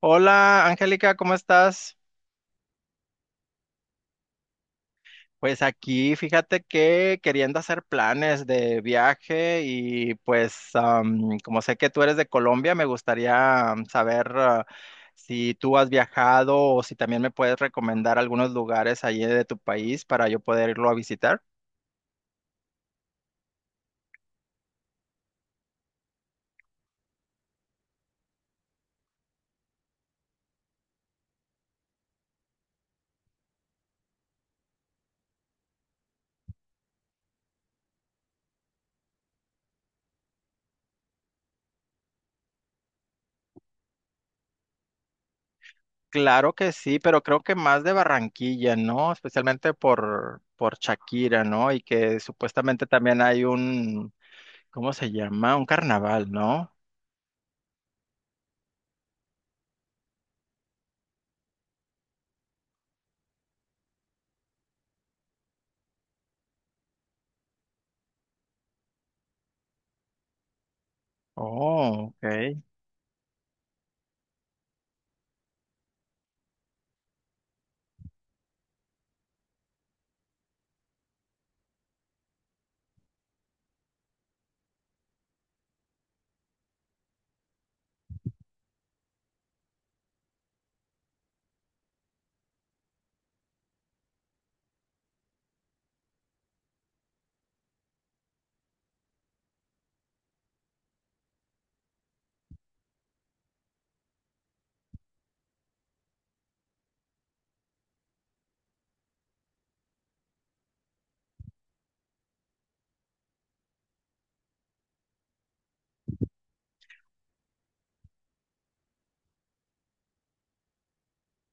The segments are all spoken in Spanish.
Hola, Angélica, ¿cómo estás? Pues aquí, fíjate que queriendo hacer planes de viaje y pues como sé que tú eres de Colombia, me gustaría saber si tú has viajado o si también me puedes recomendar algunos lugares allí de tu país para yo poder irlo a visitar. Claro que sí, pero creo que más de Barranquilla, ¿no? Especialmente por Shakira, ¿no? Y que supuestamente también hay un, ¿cómo se llama? Un carnaval, ¿no? Oh, ok.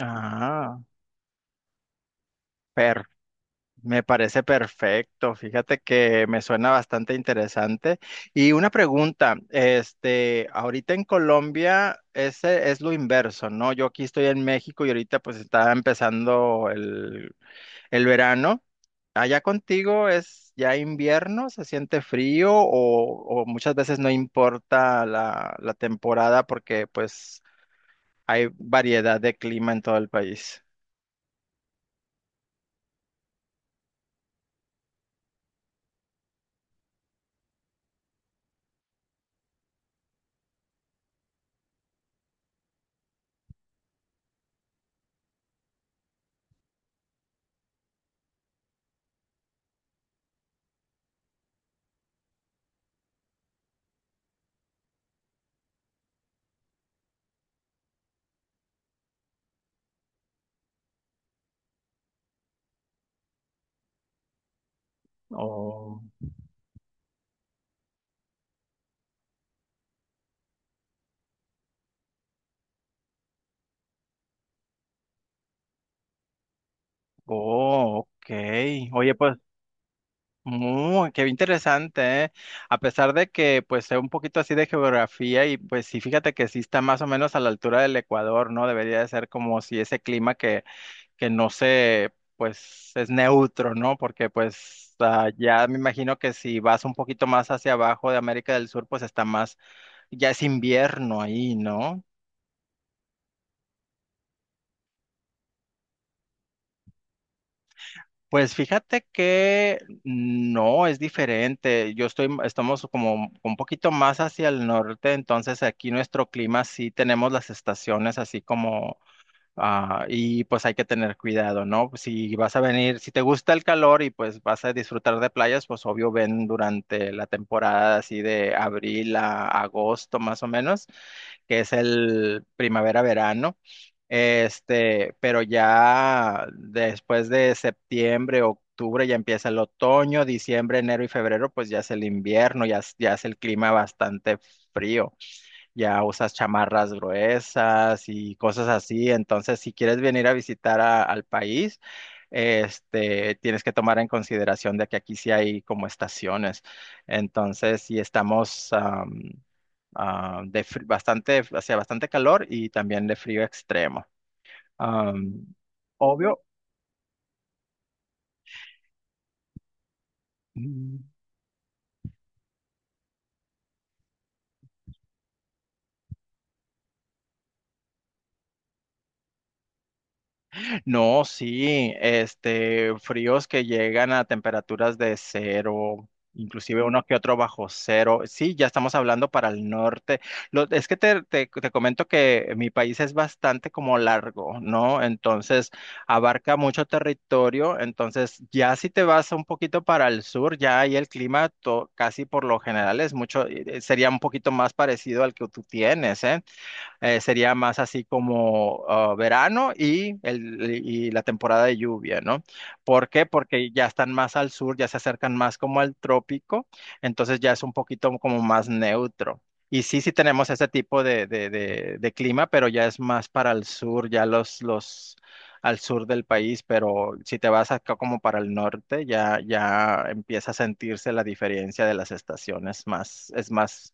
Ah, per- me parece perfecto. Fíjate que me suena bastante interesante. Y una pregunta, este, ahorita en Colombia ese es lo inverso, ¿no? Yo aquí estoy en México y ahorita pues está empezando el verano. Allá contigo es ya invierno, se siente frío o muchas veces no importa la temporada porque pues hay variedad de clima en todo el país. Oh, oh, ok. Oye, pues, muy, qué interesante, ¿eh? A pesar de que, pues, sé un poquito así de geografía y, pues, sí, fíjate que sí está más o menos a la altura del Ecuador, ¿no? Debería de ser como si ese clima que no se, pues, es neutro, ¿no? Porque, pues, ah, ya me imagino que si vas un poquito más hacia abajo de América del Sur, pues, está más, ya es invierno ahí, ¿no? Pues fíjate que no es diferente. Yo estoy, estamos como un poquito más hacia el norte, entonces aquí nuestro clima sí tenemos las estaciones así como ah, y pues hay que tener cuidado, ¿no? Si vas a venir, si te gusta el calor y pues vas a disfrutar de playas, pues obvio ven durante la temporada así de abril a agosto más o menos, que es el primavera-verano. Este, pero ya después de septiembre, octubre ya empieza el otoño, diciembre, enero y febrero, pues ya es el invierno, ya, ya es el clima bastante frío, ya usas chamarras gruesas y cosas así. Entonces, si quieres venir a visitar al país, este, tienes que tomar en consideración de que aquí sí hay como estaciones. Entonces, si estamos ah, bastante, hacía bastante calor y también de frío extremo. Am, obvio. No, sí, este, fríos que llegan a temperaturas de cero, inclusive uno que otro bajo cero. Sí, ya estamos hablando para el norte. Es que te comento que mi país es bastante como largo, ¿no? Entonces, abarca mucho territorio. Entonces, ya si te vas un poquito para el sur, ya ahí el clima casi por lo general es mucho, sería un poquito más parecido al que tú tienes, ¿eh? Sería más así como ah, verano y, el, y la temporada de lluvia, ¿no? ¿Por qué? Porque ya están más al sur, ya se acercan más como al trópico, entonces ya es un poquito como más neutro. Y sí, sí tenemos ese tipo de clima, pero ya es más para el sur, ya los al sur del país, pero si te vas acá como para el norte, ya, ya empieza a sentirse la diferencia de las estaciones más, es más,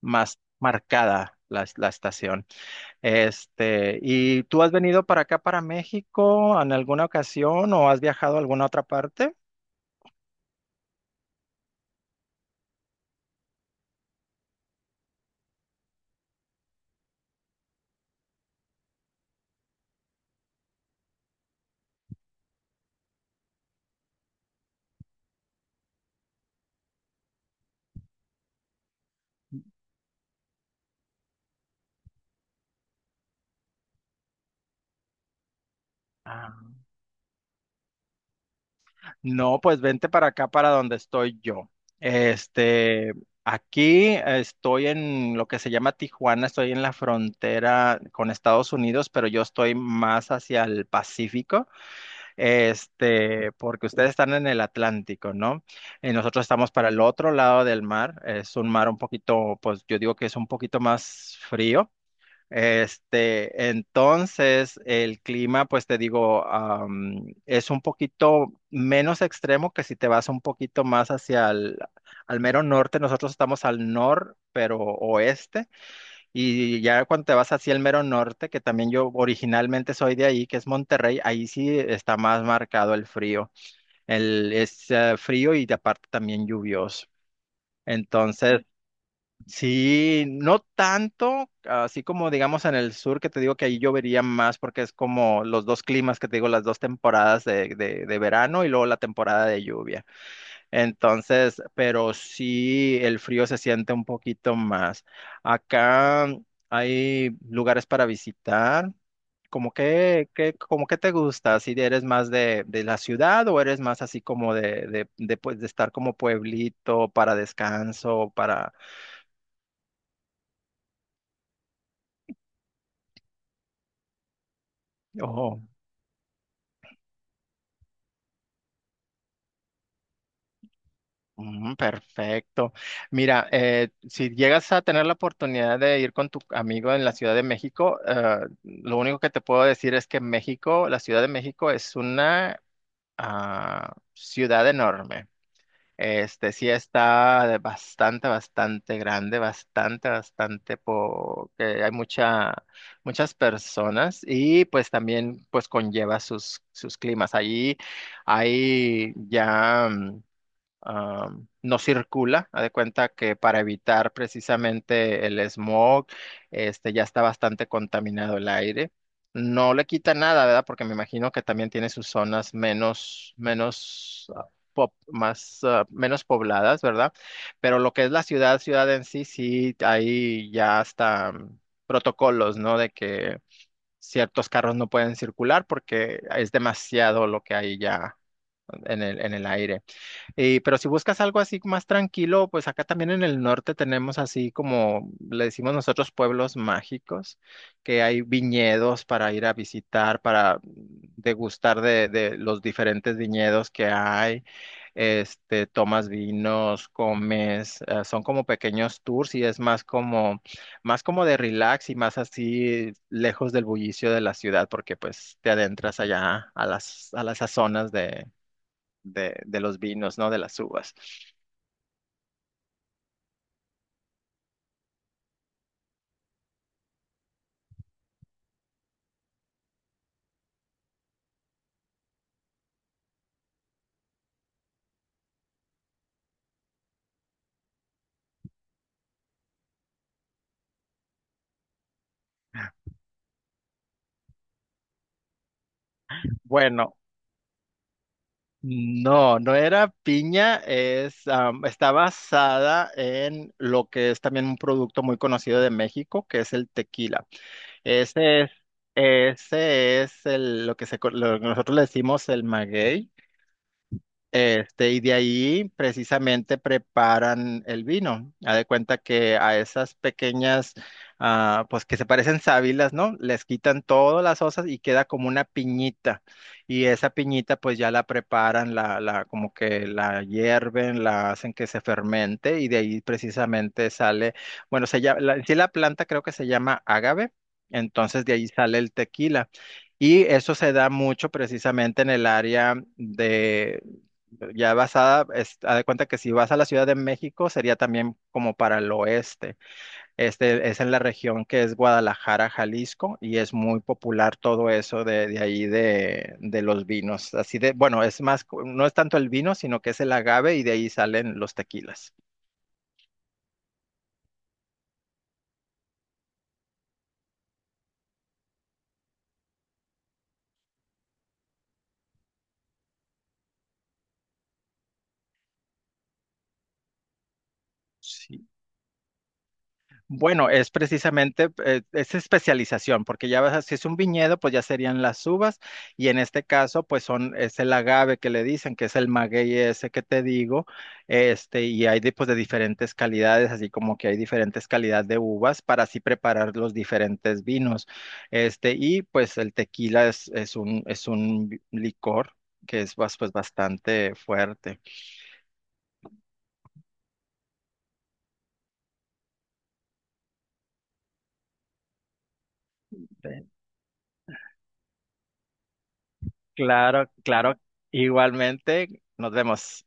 más marcada la estación. Este, ¿y tú has venido para acá, para México, en alguna ocasión o has viajado a alguna otra parte? Ah. No, pues vente para acá, para donde estoy yo. Este, aquí estoy en lo que se llama Tijuana, estoy en la frontera con Estados Unidos, pero yo estoy más hacia el Pacífico, este, porque ustedes están en el Atlántico, ¿no? Y nosotros estamos para el otro lado del mar, es un mar un poquito, pues yo digo que es un poquito más frío. Este, entonces el clima, pues te digo, es un poquito menos extremo que si te vas un poquito más hacia el, al mero norte. Nosotros estamos al nor, pero oeste. Y ya cuando te vas hacia el mero norte, que también yo originalmente soy de ahí, que es Monterrey, ahí sí está más marcado el frío. El, es frío y de aparte también lluvioso. Entonces, sí, no tanto, así como digamos en el sur, que te digo que ahí llovería más porque es como los dos climas que te digo, las dos temporadas de verano y luego la temporada de lluvia. Entonces, pero sí el frío se siente un poquito más. Acá hay lugares para visitar. ¿Cómo como que te gusta? ¿Si eres más de la ciudad o eres más así como pues, de estar como pueblito para descanso, para... ojo? Mm, perfecto. Mira, si llegas a tener la oportunidad de ir con tu amigo en la Ciudad de México, lo único que te puedo decir es que México, la Ciudad de México es una ah, ciudad enorme. Este sí está de bastante, bastante grande, bastante, bastante, porque hay mucha, muchas personas y pues también pues conlleva sus climas. Allí hay ya. mm, no circula. Haz de cuenta que para evitar precisamente el smog, este ya está bastante contaminado el aire. No le quita nada, ¿verdad? Porque me imagino que también tiene sus zonas menos, menos ah, más, ah, menos pobladas, ¿verdad? Pero lo que es la ciudad, ciudad en sí, sí, ahí ya hasta mm, protocolos, ¿no? De que ciertos carros no pueden circular porque es demasiado lo que hay ya en el aire. Pero si buscas algo así más tranquilo, pues acá también en el norte tenemos así como le decimos nosotros pueblos mágicos, que hay viñedos para ir a visitar, para degustar de los diferentes viñedos que hay. Este, tomas vinos, comes, son como pequeños tours y es más como de relax y más así lejos del bullicio de la ciudad, porque pues te adentras allá a las zonas de los vinos, ¿no? De las uvas. Bueno, no, no era piña, es, está basada en lo que es también un producto muy conocido de México, que es el tequila. Ese es, ese es el, lo que lo que nosotros le decimos el maguey. Este, y de ahí precisamente preparan el vino. Haz de cuenta que a esas pequeñas, ah, pues que se parecen sábilas, ¿no? Les quitan todas las osas y queda como una piñita. Y esa piñita pues ya la preparan, la, como que la hierven, la hacen que se fermente y de ahí precisamente sale, bueno, se llama, la, en sí la planta creo que se llama agave. Entonces de ahí sale el tequila. Y eso se da mucho precisamente en el área de, ya basada, es, haz de cuenta que si vas a la Ciudad de México sería también como para el oeste. Este es en la región que es Guadalajara, Jalisco, y es muy popular todo eso de ahí de los vinos. Así de, bueno, es más, no es tanto el vino, sino que es el agave y de ahí salen los tequilas. Sí, bueno, es precisamente, es especialización, porque ya vas, si es un viñedo, pues ya serían las uvas, y en este caso, pues son, es el agave que le dicen, que es el maguey ese que te digo, este, y hay de, pues, de diferentes calidades, así como que hay diferentes calidades de uvas para así preparar los diferentes vinos, este, y pues el tequila es un licor que es, pues, bastante fuerte. Claro, claro, igualmente, nos vemos.